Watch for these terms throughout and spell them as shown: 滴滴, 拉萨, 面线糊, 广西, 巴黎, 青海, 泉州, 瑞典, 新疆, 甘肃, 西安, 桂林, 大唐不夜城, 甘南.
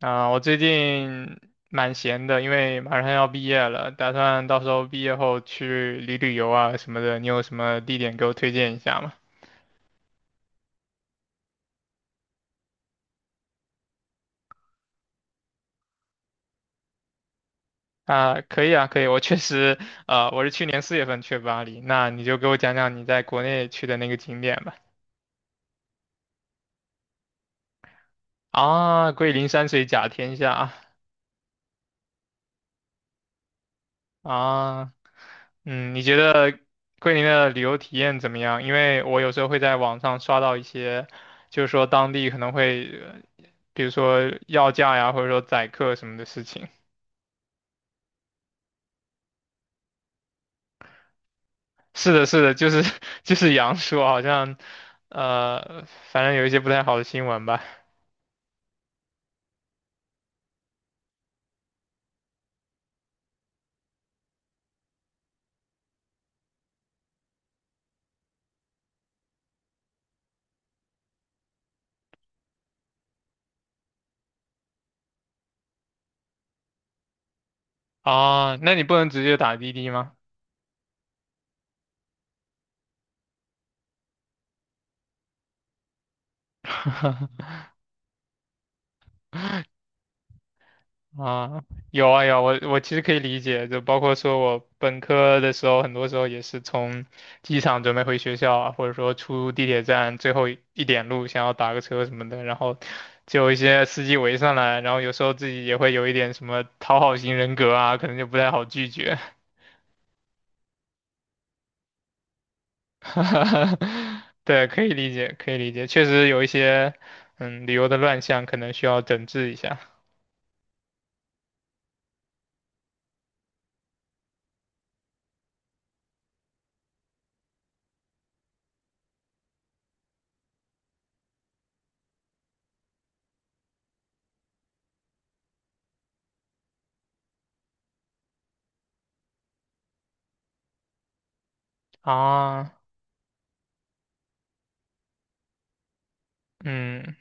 啊、我最近蛮闲的，因为马上要毕业了，打算到时候毕业后去旅游啊什么的。你有什么地点给我推荐一下吗？啊、可以啊，可以。我确实，我是去年四月份去巴黎，那你就给我讲讲你在国内去的那个景点吧。啊，桂林山水甲天下啊，啊嗯，你觉得桂林的旅游体验怎么样？因为我有时候会在网上刷到一些，就是说当地可能会，比如说要价呀，或者说宰客什么的事情。是的，是的，就是 就是杨说，好像呃，反正有一些不太好的新闻吧。啊，那你不能直接打滴滴吗？啊，有啊有啊我其实可以理解，就包括说我本科的时候，很多时候也是从机场准备回学校啊，或者说出地铁站最后一点路，想要打个车什么的，然后就有一些司机围上来，然后有时候自己也会有一点什么讨好型人格啊，可能就不太好拒绝。对，可以理解，可以理解，确实有一些旅游的乱象，可能需要整治一下。啊，嗯。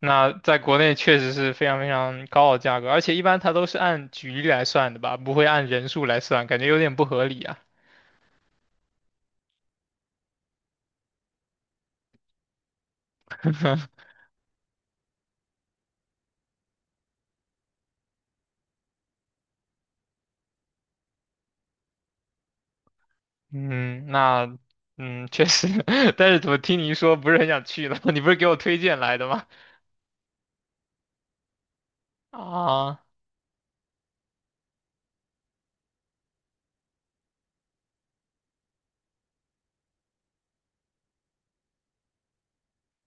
那在国内确实是非常非常高的价格，而且一般它都是按局来算的吧，不会按人数来算，感觉有点不合理啊。嗯，那嗯，确实。但是怎么听你一说不是很想去了？你不是给我推荐来的吗？啊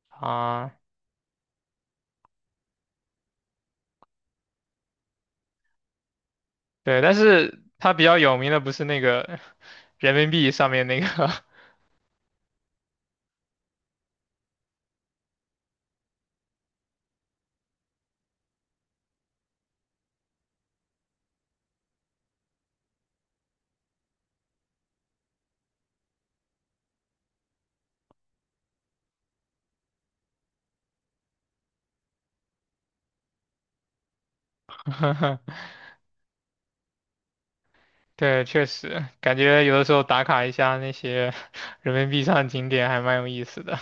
啊，对，但是它比较有名的不是那个人民币上面那个，对，确实感觉有的时候打卡一下那些人民币上的景点还蛮有意思的。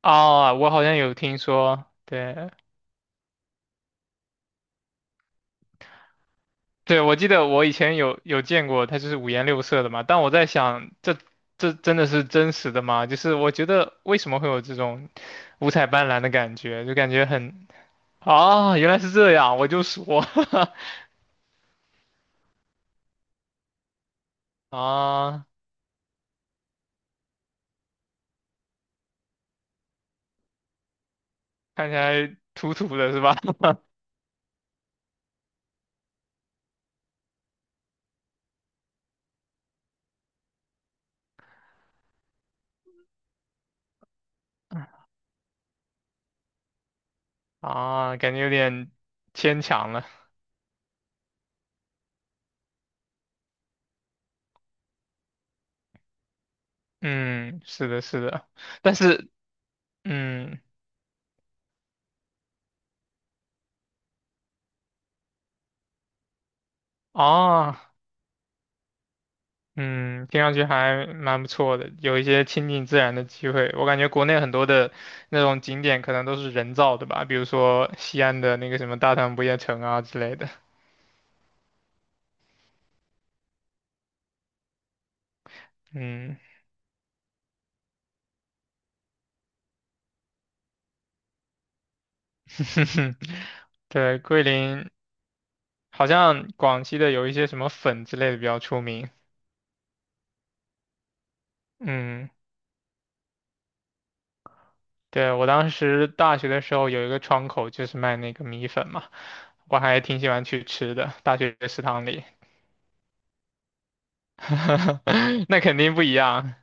啊，我好像有听说，对。对，我记得我以前有见过，它就是五颜六色的嘛。但我在想，这真的是真实的吗？就是我觉得为什么会有这种五彩斑斓的感觉，就感觉很。啊，原来是这样，我就说。 啊，看起来土土的是吧？啊，感觉有点牵强了。嗯，是的，是的，但是嗯啊。嗯，听上去还蛮不错的，有一些亲近自然的机会。我感觉国内很多的那种景点可能都是人造的吧，比如说西安的那个什么大唐不夜城啊之类的。嗯，对，桂林好像广西的有一些什么粉之类的比较出名。嗯，对，我当时大学的时候有一个窗口就是卖那个米粉嘛，我还挺喜欢去吃的，大学食堂里。那肯定不一样。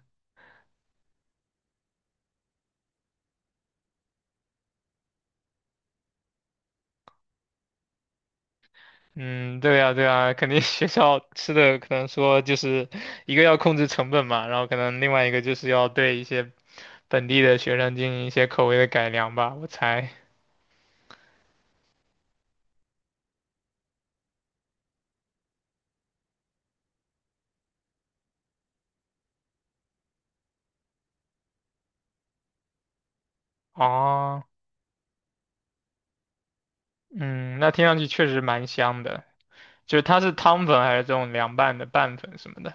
嗯，对呀，对呀，肯定学校吃的可能说就是一个要控制成本嘛，然后可能另外一个就是要对一些本地的学生进行一些口味的改良吧，我猜。哦，嗯，那听上去确实蛮香的，就是它是汤粉还是这种凉拌的拌粉什么的？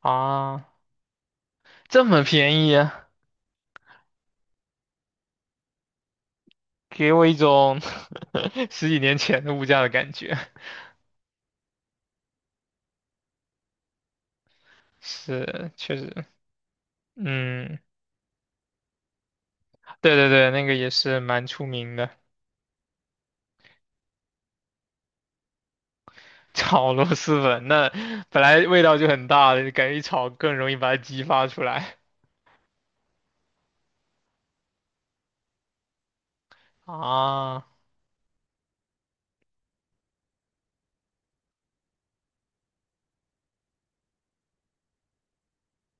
啊？这么便宜啊，给我一种 十几年前的物价的感觉。是，确实，嗯，对对对，那个也是蛮出名的。炒螺蛳粉，那本来味道就很大的，感觉一炒更容易把它激发出来。啊，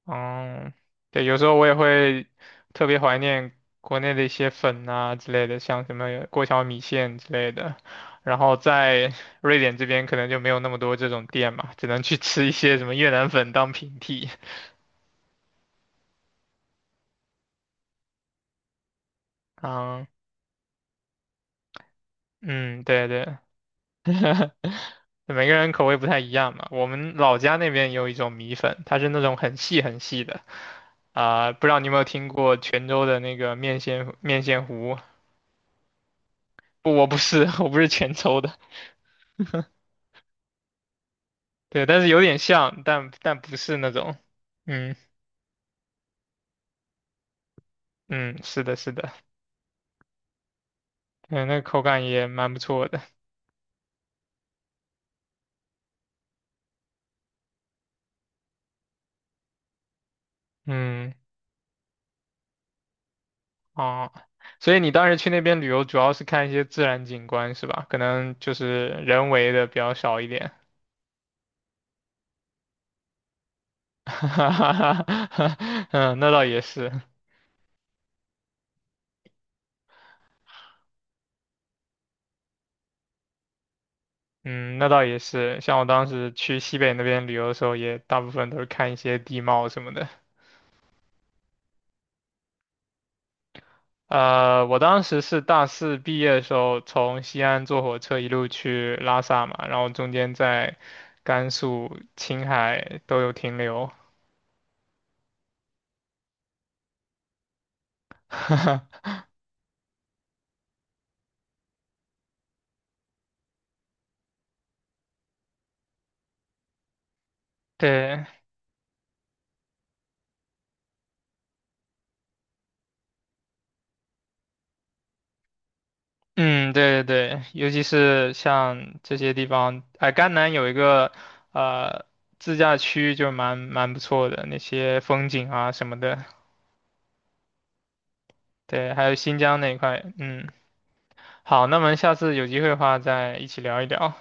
嗯，对，有时候我也会特别怀念国内的一些粉啊之类的，像什么过桥米线之类的。然后在 瑞典这边可能就没有那么多这种店嘛，只能去吃一些什么越南粉当平替。啊，嗯，对对。每个人口味不太一样嘛。我们老家那边有一种米粉，它是那种很细很细的，啊、不知道你有没有听过泉州的那个面线糊？不，我不是，我不是泉州的，对，但是有点像，但但不是那种，嗯嗯，是的，是的，嗯，那口感也蛮不错的，嗯。哦，所以你当时去那边旅游，主要是看一些自然景观是吧？可能就是人为的比较少一点。哈哈哈。嗯，那倒也是。嗯，那倒也是。像我当时去西北那边旅游的时候，也大部分都是看一些地貌什么的。我当时是大四毕业的时候，从西安坐火车一路去拉萨嘛，然后中间在甘肃、青海都有停留。对，嗯，对对对，尤其是像这些地方，哎，甘南有一个呃自驾区，就蛮不错的，那些风景啊什么的。对，还有新疆那一块，嗯。好，那么下次有机会的话再一起聊一聊。